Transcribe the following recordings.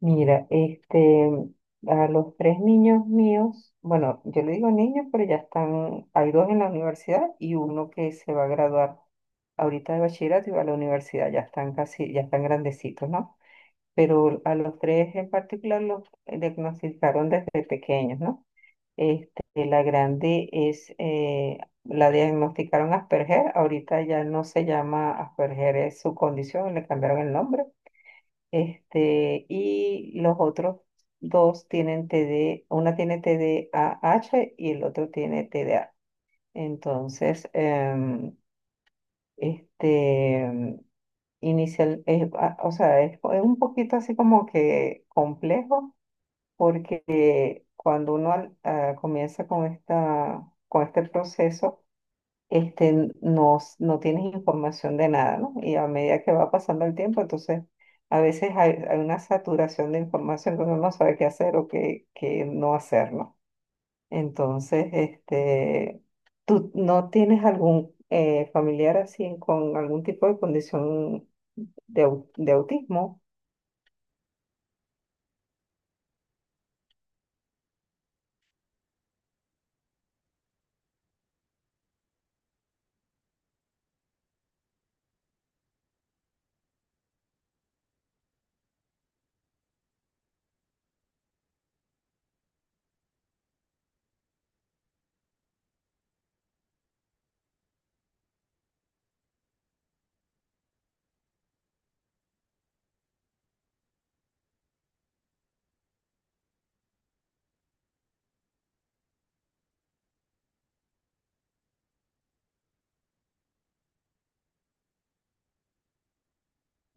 Mira, a los tres niños míos, bueno, yo le digo niños, pero ya están, hay dos en la universidad y uno que se va a graduar ahorita de bachillerato y va a la universidad, ya están casi, ya están grandecitos, ¿no? Pero a los tres en particular los diagnosticaron desde pequeños, ¿no? La grande es, la diagnosticaron Asperger, ahorita ya no se llama Asperger, es su condición, le cambiaron el nombre y los otros dos tienen TD, una tiene TDAH y el otro tiene TDA. Entonces, este, em, o sea, es un poquito así como que complejo, porque cuando uno comienza con con este proceso, no, no tienes información de nada, ¿no? Y a medida que va pasando el tiempo, entonces a veces hay una saturación de información que uno no sabe qué hacer o qué no hacer, ¿no? Entonces, ¿tú no tienes algún familiar así con algún tipo de condición de autismo?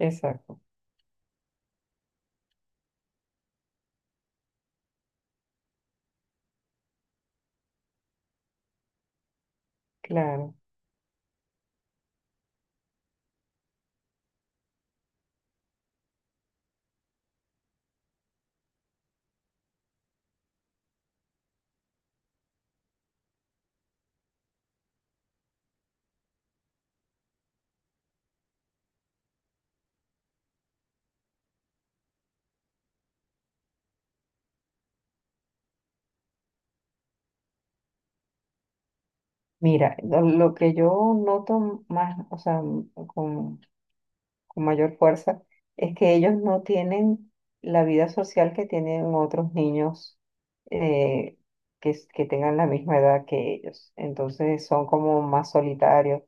Exacto, claro. Mira, lo que yo noto más, o sea, con con mayor fuerza, es que ellos no tienen la vida social que tienen otros niños eh, que, que tengan la misma edad que ellos. Entonces son como más solitarios,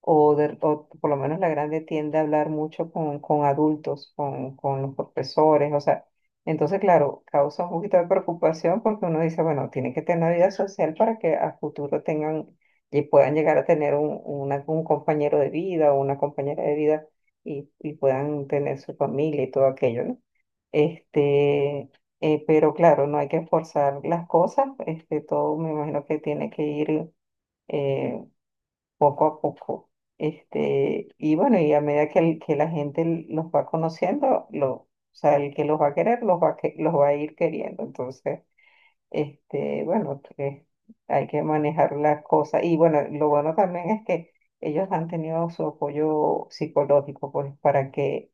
o, o por lo menos la grande tiende a hablar mucho con adultos, con los profesores, o sea, entonces, claro, causa un poquito de preocupación porque uno dice, bueno, tienen que tener una vida social para que a futuro tengan y puedan llegar a tener un, un compañero de vida o una compañera de vida y puedan tener su familia y todo aquello, ¿no? Este, pero claro, no hay que forzar las cosas, todo me imagino que tiene que ir, eh, poco a poco. Y bueno, y a medida que, que la gente los va conociendo, lo, o sea, el que los va a querer, los va, los va a ir queriendo. Entonces, bueno, que hay que manejar las cosas. Y bueno, lo bueno también es que ellos han tenido su apoyo psicológico, pues, para que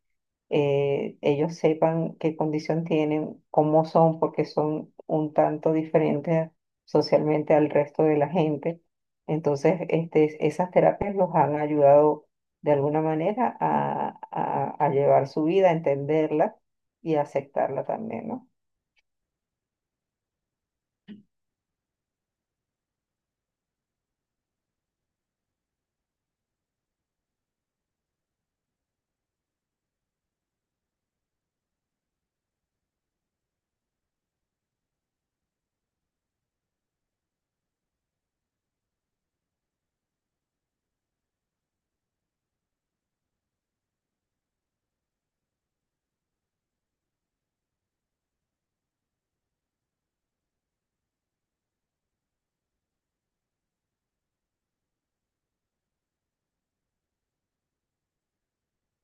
ellos sepan qué condición tienen, cómo son, porque son un tanto diferentes socialmente al resto de la gente. Entonces, esas terapias los han ayudado de alguna manera a, a llevar su vida, a entenderla y a aceptarla también, ¿no?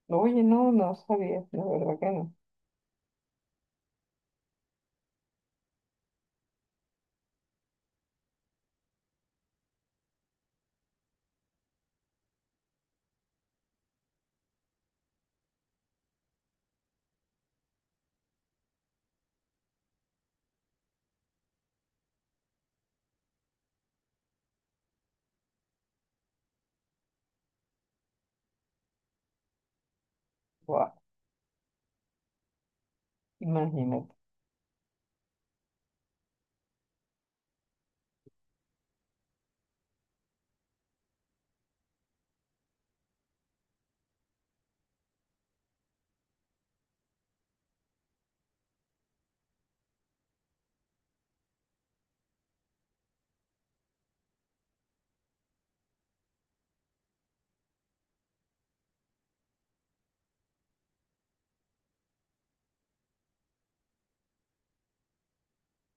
Oye, no, no sabía, la verdad que no. Guau, imagínate,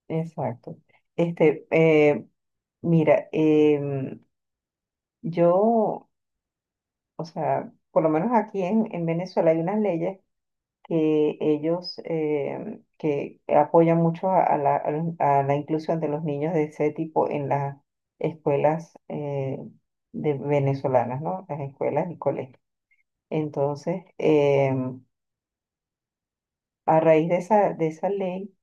exacto. Este, eh, mira, yo, o sea, por lo menos aquí en Venezuela hay unas leyes que ellos que apoyan mucho a la, a la inclusión de los niños de ese tipo en las escuelas de venezolanas, ¿no? Las escuelas y colegios. Entonces, a raíz de esa ley,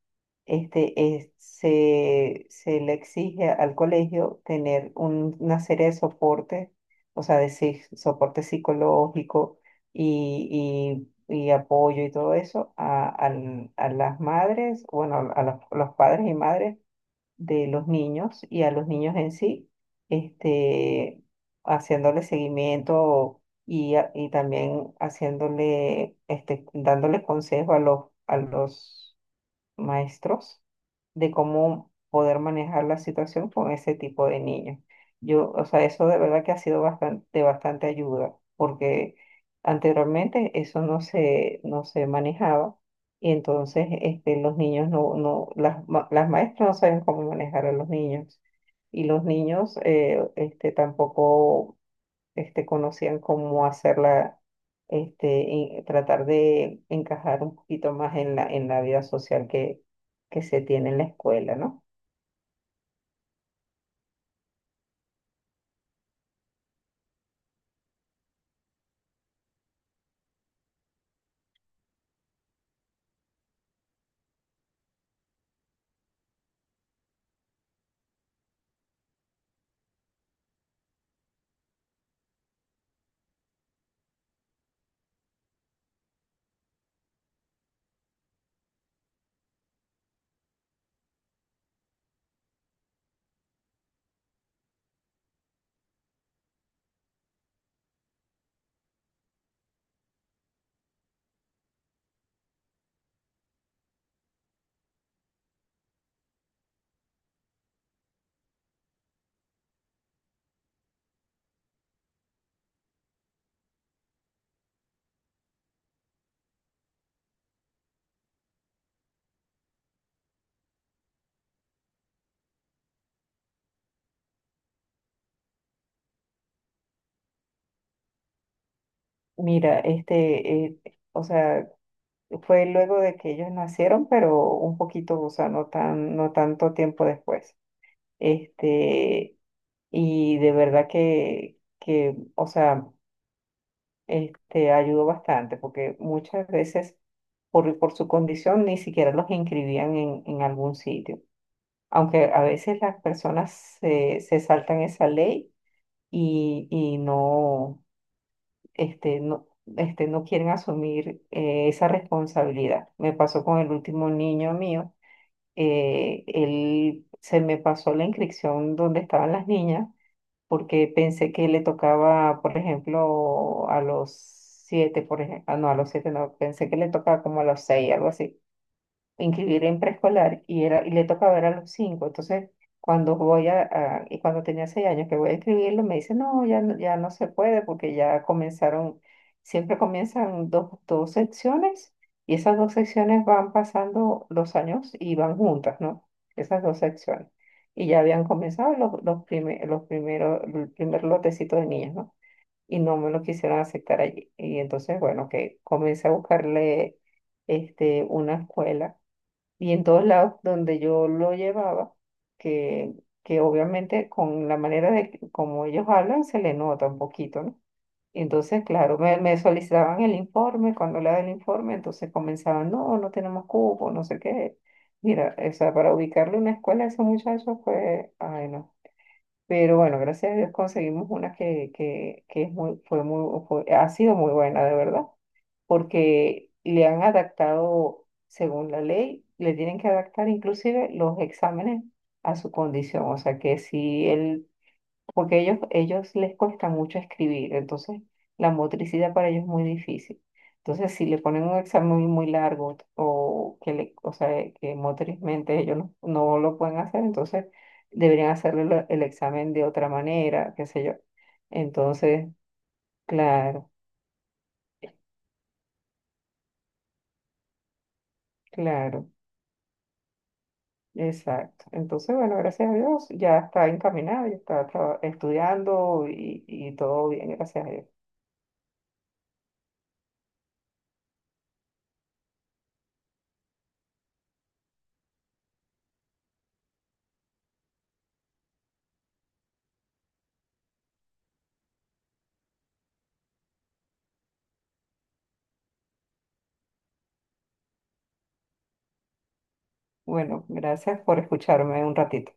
se, se le exige al colegio tener una serie de soportes, o sea, de soporte psicológico y, y apoyo y todo eso a, a las madres, bueno, a los padres y madres de los niños y a los niños en sí, este, haciéndole seguimiento. Y, y también haciéndole, dándole consejo a los maestros de cómo poder manejar la situación con ese tipo de niños. Yo, o sea, eso de verdad que ha sido bastante, de bastante ayuda, porque anteriormente eso no se, no se manejaba y entonces los niños no, no, las maestras no saben cómo manejar a los niños y los niños tampoco conocían cómo hacerla, y tratar de encajar un poquito más en la vida social que se tiene en la escuela, ¿no? Mira, o sea, fue luego de que ellos nacieron, pero un poquito, o sea, no tan, no tanto tiempo después. Este, y de verdad que, o sea, ayudó bastante, porque muchas veces por su condición ni siquiera los inscribían en algún sitio. Aunque a veces las personas se, se saltan esa ley y no, no, no quieren asumir esa responsabilidad. Me pasó con el último niño mío, él se me pasó la inscripción donde estaban las niñas porque pensé que le tocaba, por ejemplo, a los siete, por ejemplo, no, a los siete no, pensé que le tocaba como a los seis, algo así inscribir en preescolar y y le tocaba ver a los cinco. Entonces, cuando voy a y cuando tenía seis años que voy a escribirlo, me dice, no, ya no se puede porque ya comenzaron, siempre comienzan dos, dos secciones y esas dos secciones van pasando los años y van juntas, ¿no? Esas dos secciones. Y ya habían comenzado los primeros, el primer lotecito de niños, ¿no? Y no me lo quisieron aceptar allí. Y entonces, bueno, que comencé a buscarle una escuela y en todos lados donde yo lo llevaba, que, que obviamente con la manera de como ellos hablan se le nota un poquito, ¿no? Y entonces, claro, me solicitaban el informe, cuando le daban el informe, entonces comenzaban, no, no tenemos cupo, no sé qué. Mira, o sea, para ubicarle una escuela a ese muchacho fue, ay, no. Pero bueno, gracias a Dios conseguimos una que es muy, ha sido muy buena, de verdad porque le han adaptado, según la ley, le tienen que adaptar inclusive los exámenes a su condición. O sea que si él, porque ellos les cuesta mucho escribir, entonces la motricidad para ellos es muy difícil. Entonces, si le ponen un examen muy largo o que le, o sea, que motrizmente ellos no, no lo pueden hacer, entonces deberían hacerle el examen de otra manera, qué sé yo. Entonces, claro, claro. Exacto. Entonces, bueno, gracias a Dios, ya está encaminado, ya está estudiando y todo bien, gracias a Dios. Bueno, gracias por escucharme un ratito.